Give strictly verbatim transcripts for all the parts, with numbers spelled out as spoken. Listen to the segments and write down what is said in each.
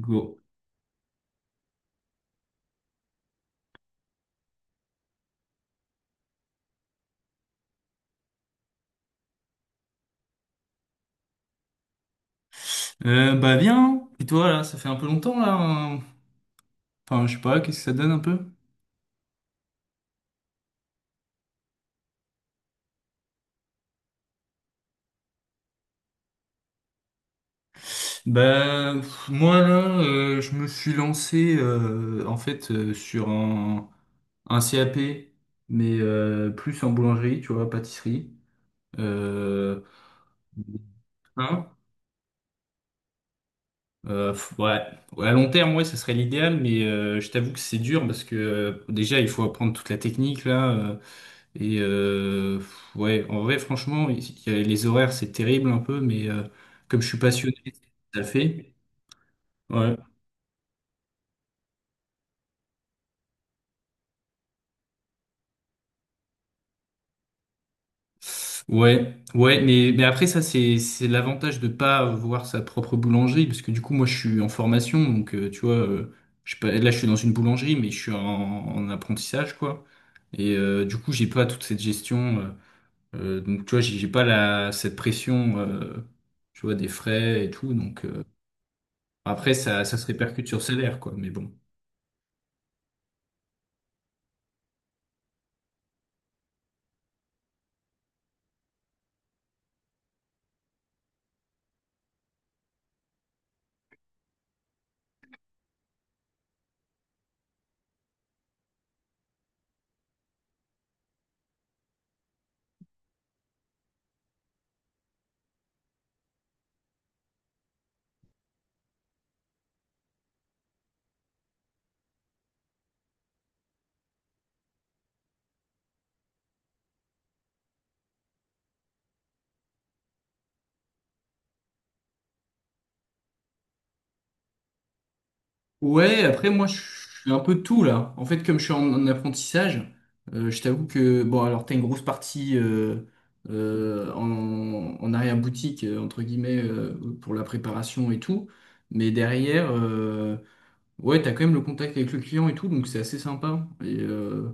Go. Euh, bah viens, et toi là, ça fait un peu longtemps là, hein. Enfin, je sais pas, qu'est-ce que ça donne un peu? Bah pff, moi là, euh, je me suis lancé euh, en fait euh, sur un, un C A P, mais euh, plus en boulangerie, tu vois, pâtisserie. Euh, hein? Euh, pff, ouais. Ouais, à long terme, ouais, ça serait l'idéal, mais euh, je t'avoue que c'est dur parce que euh, déjà il faut apprendre toute la technique là. euh, Et euh, ouais, en vrai, franchement, il y a- les horaires, c'est terrible un peu, mais euh, comme je suis passionné, ça le fait. Ouais, ouais, ouais, mais, mais après, ça, c'est, c'est l'avantage de pas voir sa propre boulangerie, parce que du coup, moi, je suis en formation, donc euh, tu vois, euh, je, suis pas- là, je suis dans une boulangerie, mais je suis en, en apprentissage, quoi. Et euh, du coup, j'ai pas toute cette gestion, euh, euh, donc tu vois, j'ai j'ai pas la, cette pression, euh, tu vois, des frais et tout, donc euh, après, ça, ça se répercute sur le salaire, quoi, mais bon. Ouais, après moi je suis un peu tout là. En fait, comme je suis en, en apprentissage, euh, je t'avoue que bon alors t'as une grosse partie euh, euh, en, en arrière-boutique euh, entre guillemets euh, pour la préparation et tout, mais derrière euh, ouais t'as quand même le contact avec le client et tout, donc c'est assez sympa. Et, euh,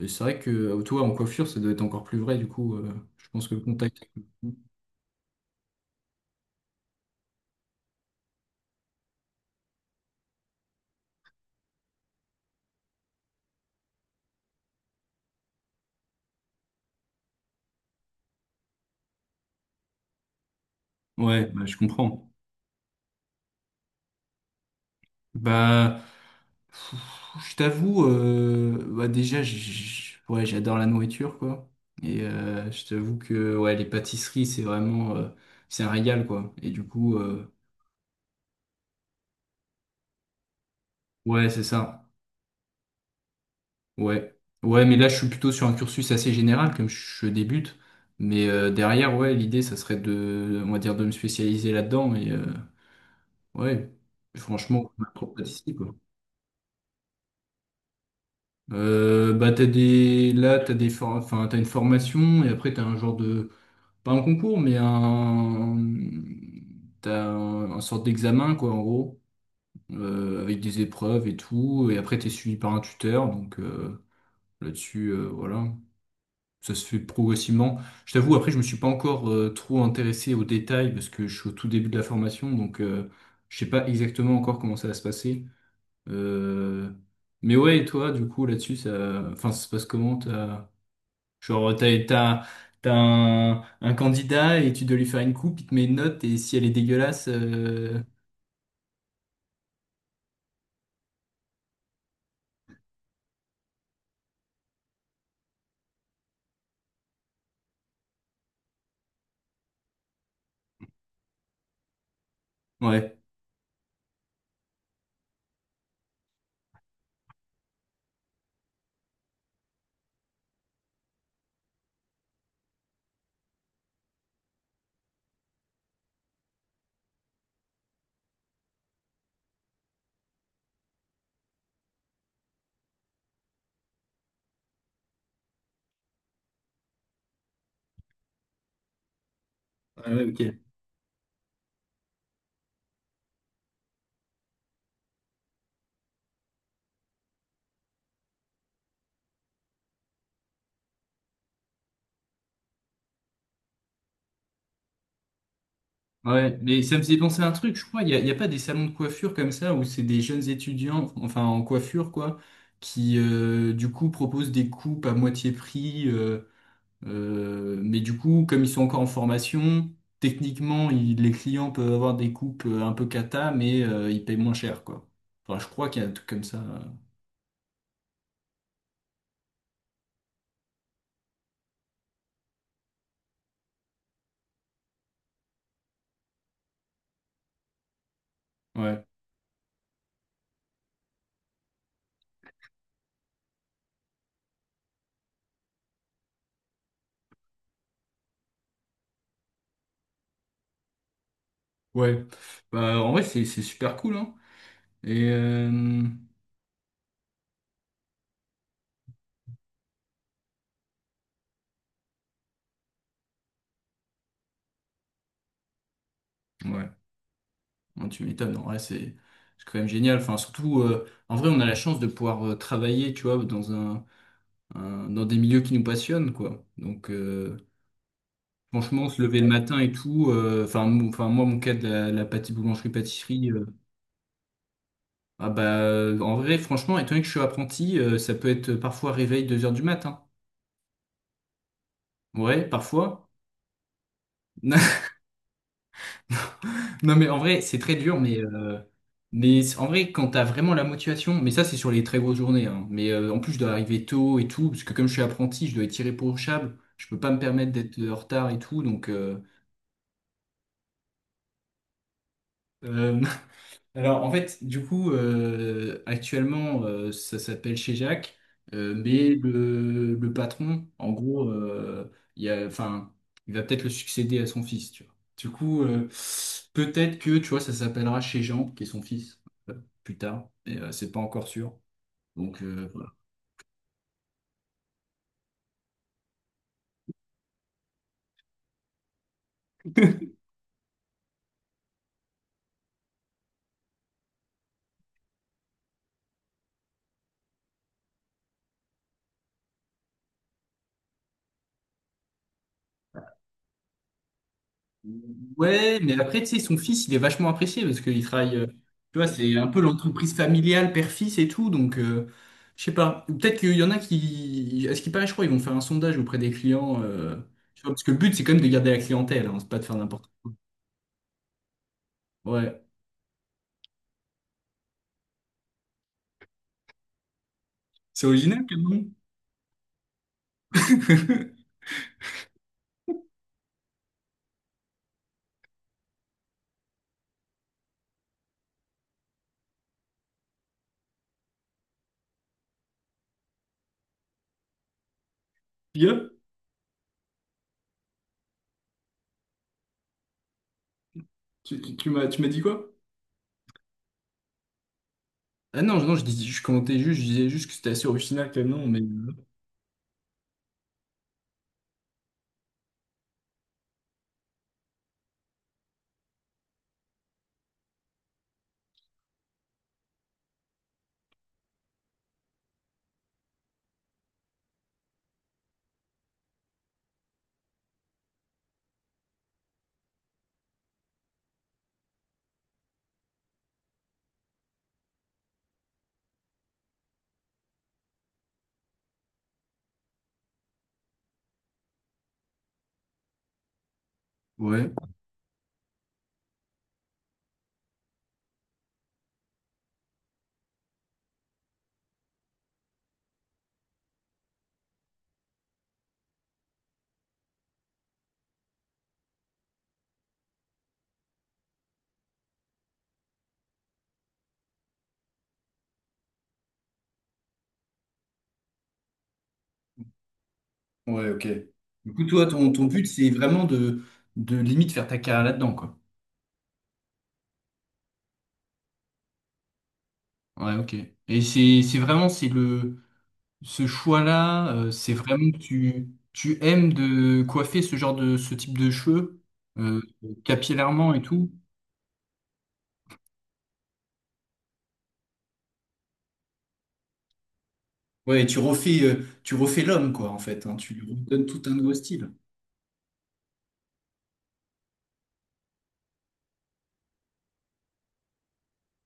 et c'est vrai que euh, toi en coiffure ça doit être encore plus vrai du coup. Euh, je pense que le contact. Ouais, bah, je comprends. Bah je t'avoue, euh, bah déjà, j- j- ouais, j'adore la nourriture, quoi. Et euh, je t'avoue que ouais, les pâtisseries, c'est vraiment, euh, c'est un régal, quoi. Et du coup, euh, ouais, c'est ça. Ouais, ouais, mais là, je suis plutôt sur un cursus assez général, comme je débute. Mais euh, derrière, ouais, l'idée, ça serait de, on va dire, de me spécialiser là-dedans. Et euh, ouais, franchement, ma propre pâtisserie, quoi. Euh, bah t'as des là t'as des for- enfin t'as une formation et après t'as un genre de pas un concours, mais un, t'as un, un sorte d'examen, quoi, en gros, euh, avec des épreuves et tout. Et après, t'es suivi par un tuteur, donc euh, là-dessus, euh, voilà. Ça se fait progressivement. Je t'avoue, après, je me suis pas encore euh, trop intéressé aux détails parce que je suis au tout début de la formation, donc euh, je sais pas exactement encore comment ça va se passer. Euh, Mais ouais, et toi, du coup, là-dessus, ça, enfin, ça se passe comment? Genre, t'as, t'as, t'as un, un candidat et tu dois lui faire une coupe, il te met une note et si elle est dégueulasse, euh, ouais. Ouais, ouais, ok. Ouais, mais ça me faisait penser à un truc, je crois. Il y a, il y a pas des salons de coiffure comme ça où c'est des jeunes étudiants, enfin en coiffure quoi, qui euh, du coup proposent des coupes à moitié prix. euh, euh, mais du coup, comme ils sont encore en formation, techniquement, ils- les clients peuvent avoir des coupes euh, un peu cata, mais euh, ils payent moins cher quoi. Enfin, je crois qu'il y a un truc comme ça. euh. Ouais. Ouais, bah, en vrai, c'est c'est super cool, hein. Et euh, ouais, non, tu m'étonnes, en vrai, c'est c'est quand même génial. Enfin, surtout, euh, en vrai, on a la chance de pouvoir euh, travailler, tu vois, dans un, un- dans des milieux qui nous passionnent, quoi. Donc, euh, franchement, se lever le matin et tout, euh, enfin, mou- enfin, moi, mon cas de la, la pâti- boulangerie-pâtisserie, euh, ah bah, euh, en vrai, franchement, étant donné que je suis apprenti, euh, ça peut être parfois réveil deux heures du matin. Ouais, parfois. Non, mais en vrai, c'est très dur, mais, euh, mais c- en vrai, quand t'as vraiment la motivation, mais ça, c'est sur les très grosses journées, hein. Mais euh, en plus, je dois arriver tôt et tout, parce que comme je suis apprenti, je dois être irréprochable, je peux pas me permettre d'être euh, en retard et tout, donc euh, euh, alors, en fait, du coup, euh, actuellement, euh, ça s'appelle chez Jacques, euh, mais le, le patron, en gros, euh, il y a, enfin, il va peut-être le succéder à son fils, tu vois. Du coup, euh, peut-être que, tu vois, ça s'appellera chez Jean, qui est son fils, euh, plus tard, mais euh, c'est pas encore sûr. Donc, euh, voilà. Ouais, mais après, tu sais, son fils, il est vachement apprécié parce qu'il travaille, euh, tu vois, c'est un peu l'entreprise familiale père-fils et tout, donc euh, je sais pas. Peut-être qu'il y en a qui, à ce qui paraît, je crois, ils vont faire un sondage auprès des clients, euh, tu vois, parce que le but, c'est quand même de garder la clientèle, hein, c'est pas de faire n'importe quoi. Ouais. C'est original, quand même. Bien. Tu, tu- tu m'as, tu m'as dit quoi? Ah non, non, je dis, je commentais juste, je disais juste que c'était assez original, quand même, non, mais... euh, ouais. Ouais, ok. Du coup, toi, ton, ton but, c'est vraiment de, de limite faire ta carrière là-dedans, quoi. Ouais, ok. Et c'est c'est vraiment c'est le ce choix-là, euh, c'est vraiment que tu tu aimes de coiffer ce genre de ce type de cheveux euh, capillairement et tout. Ouais, et tu refais euh, tu refais l'homme quoi en fait, hein. Tu lui donnes tout un nouveau style.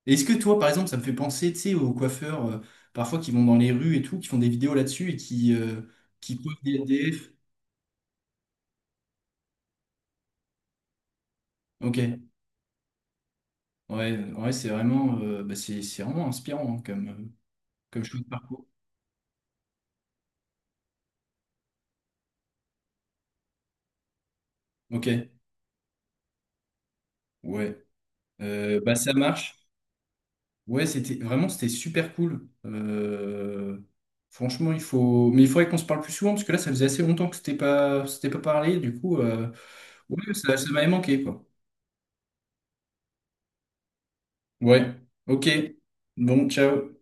Et est-ce que toi par exemple ça me fait penser tu sais aux coiffeurs euh, parfois qui vont dans les rues et tout, qui font des vidéos là-dessus et qui euh, qui coiffent des S D F. Ok. Ouais, ouais, c'est vraiment euh, bah, c'est c'est vraiment inspirant hein, comme euh, comme choix de parcours. Ok. Ouais. Euh, bah ça marche. Ouais, c'était vraiment c'était super cool. Euh, franchement, il faut, mais il faudrait qu'on se parle plus souvent parce que là, ça faisait assez longtemps que c'était pas, c'était pas parlé. Du coup, euh, ouais, ça, ça m'avait manqué quoi. Ouais. Ok. Bon, ciao.